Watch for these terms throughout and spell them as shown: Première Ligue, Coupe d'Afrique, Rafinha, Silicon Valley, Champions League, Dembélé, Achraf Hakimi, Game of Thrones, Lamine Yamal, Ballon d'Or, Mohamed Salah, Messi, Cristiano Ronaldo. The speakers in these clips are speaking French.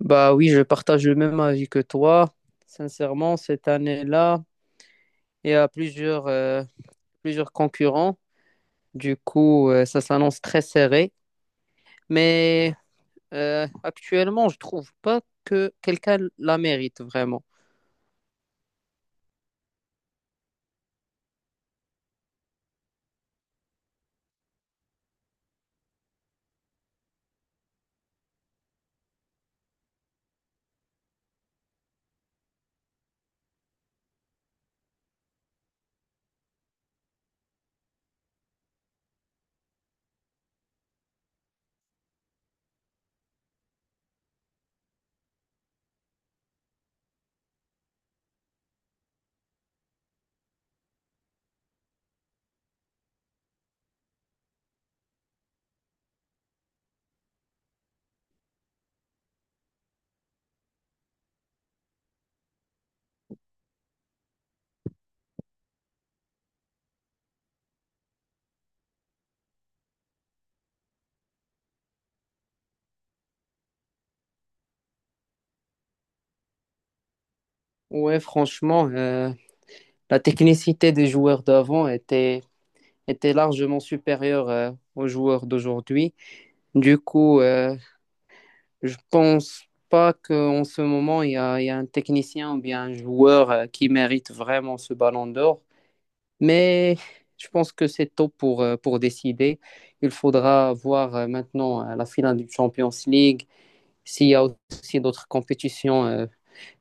Bah oui, je partage le même avis que toi. Sincèrement, cette année-là, il y a plusieurs concurrents. Du coup, ça s'annonce très serré. Mais actuellement, je trouve pas que quelqu'un la mérite vraiment. Ouais, franchement, la technicité des joueurs d'avant était largement supérieure aux joueurs d'aujourd'hui. Du coup, je pense pas qu'en ce moment, il y a un technicien ou bien un joueur qui mérite vraiment ce ballon d'or. Mais je pense que c'est tôt pour décider. Il faudra voir maintenant la finale du Champions League, s'il y a aussi d'autres compétitions.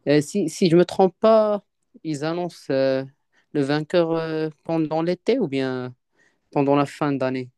Si si, je ne me trompe pas, ils annoncent le vainqueur pendant l'été ou bien pendant la fin d'année.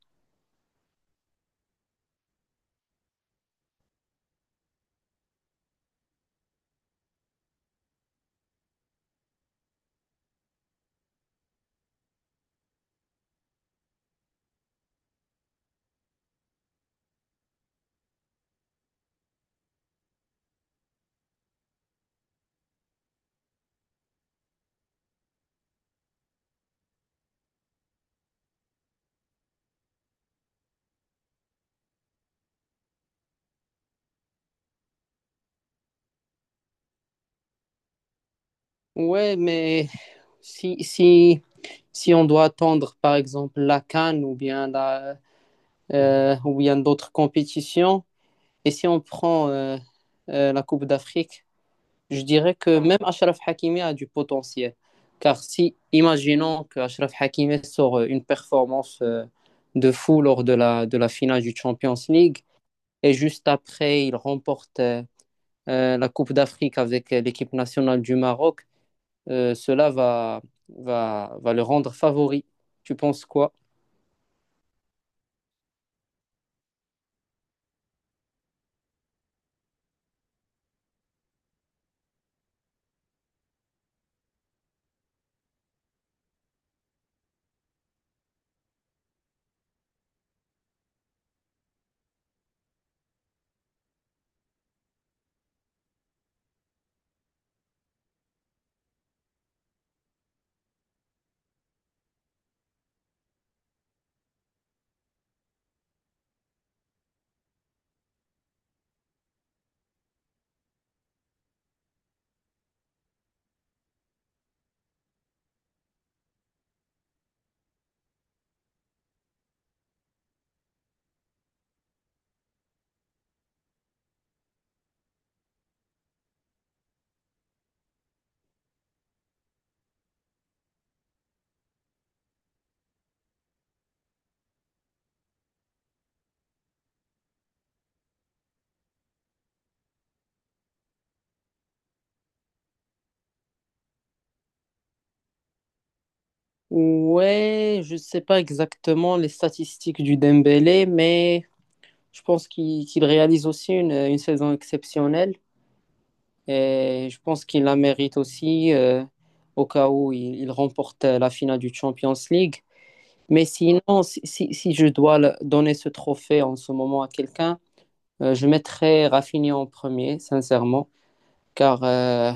Ouais, mais si, si on doit attendre, par exemple, la Cannes ou bien, ou bien d'autres compétitions, et si on prend la Coupe d'Afrique, je dirais que même Achraf Hakimi a du potentiel. Car si, imaginons que Achraf Hakimi sort une performance de fou lors de la finale du Champions League, et juste après, il remporte la Coupe d'Afrique avec l'équipe nationale du Maroc, cela va le rendre favori. Tu penses quoi? Ouais, je sais pas exactement les statistiques du Dembélé, mais je pense qu'il réalise aussi une saison exceptionnelle et je pense qu'il la mérite aussi au cas où il remporte la finale du Champions League. Mais sinon, si je dois donner ce trophée en ce moment à quelqu'un, je mettrais Rafinha en premier, sincèrement car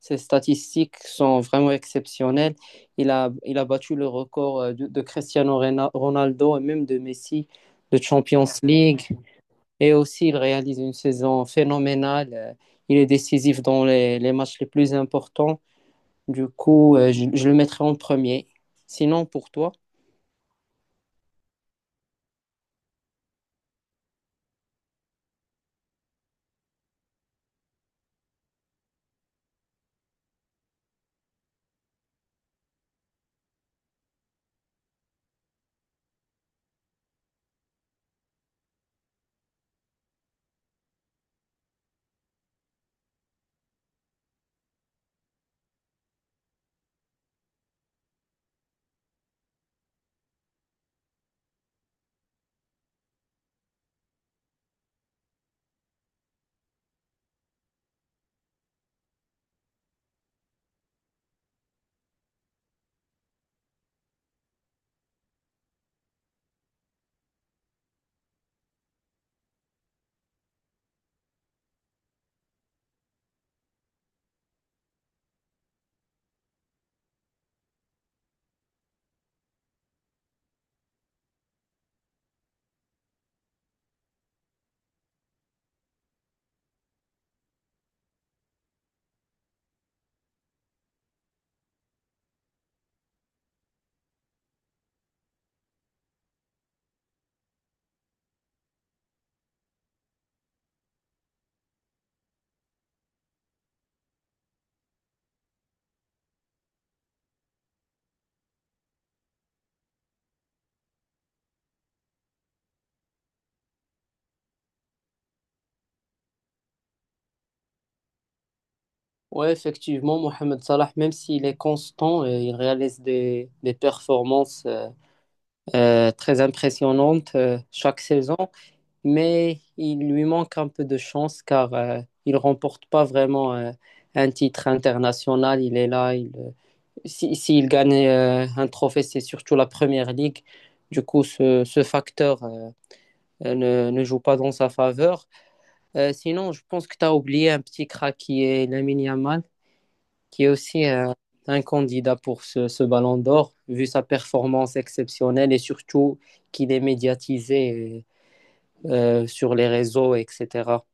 ses statistiques sont vraiment exceptionnelles. Il a battu le record de Cristiano Ronaldo et même de Messi de Champions League. Et aussi, il réalise une saison phénoménale. Il est décisif dans les matchs les plus importants. Du coup, je le mettrai en premier. Sinon, pour toi? Oui, effectivement, Mohamed Salah, même s'il est constant, il réalise des performances très impressionnantes chaque saison. Mais il lui manque un peu de chance car il remporte pas vraiment un titre international. Il est là, il, si, s'il gagne un trophée, c'est surtout la Première Ligue. Du coup, ce facteur ne joue pas dans sa faveur. Sinon, je pense que tu as oublié un petit crack qui est Lamine Yamal, qui est aussi un candidat pour ce Ballon d'Or, vu sa performance exceptionnelle et surtout qu'il est médiatisé sur les réseaux, etc.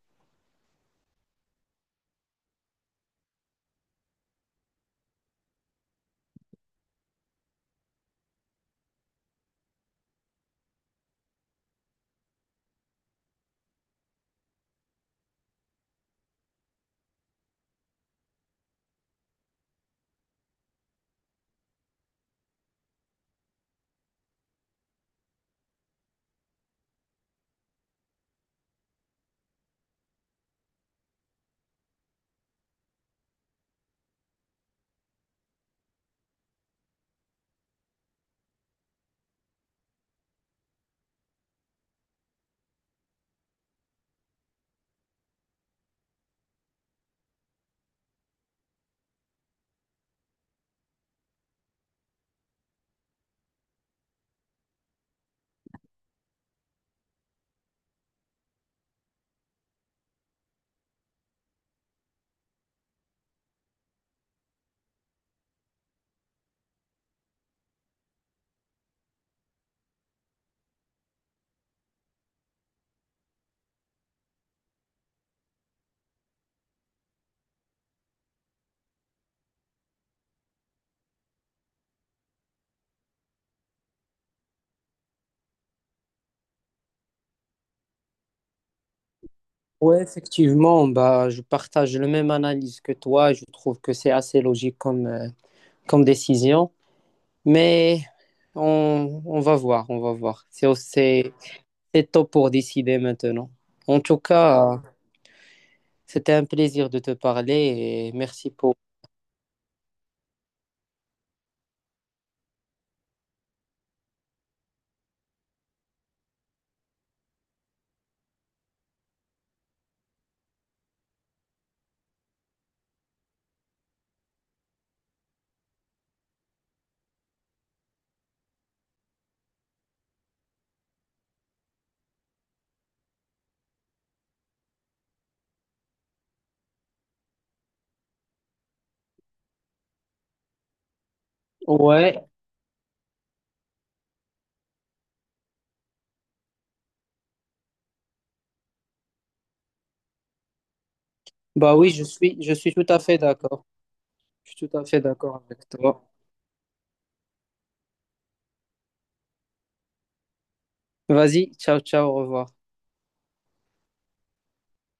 Ouais, effectivement, bah, je partage le même analyse que toi. Je trouve que c'est assez logique comme comme décision. Mais on va voir, on va voir. C'est tôt pour décider maintenant. En tout cas, c'était un plaisir de te parler et merci pour... Ouais, bah oui, je suis tout à fait d'accord. Je suis tout à fait d'accord avec toi. Vas-y, ciao, ciao, au revoir.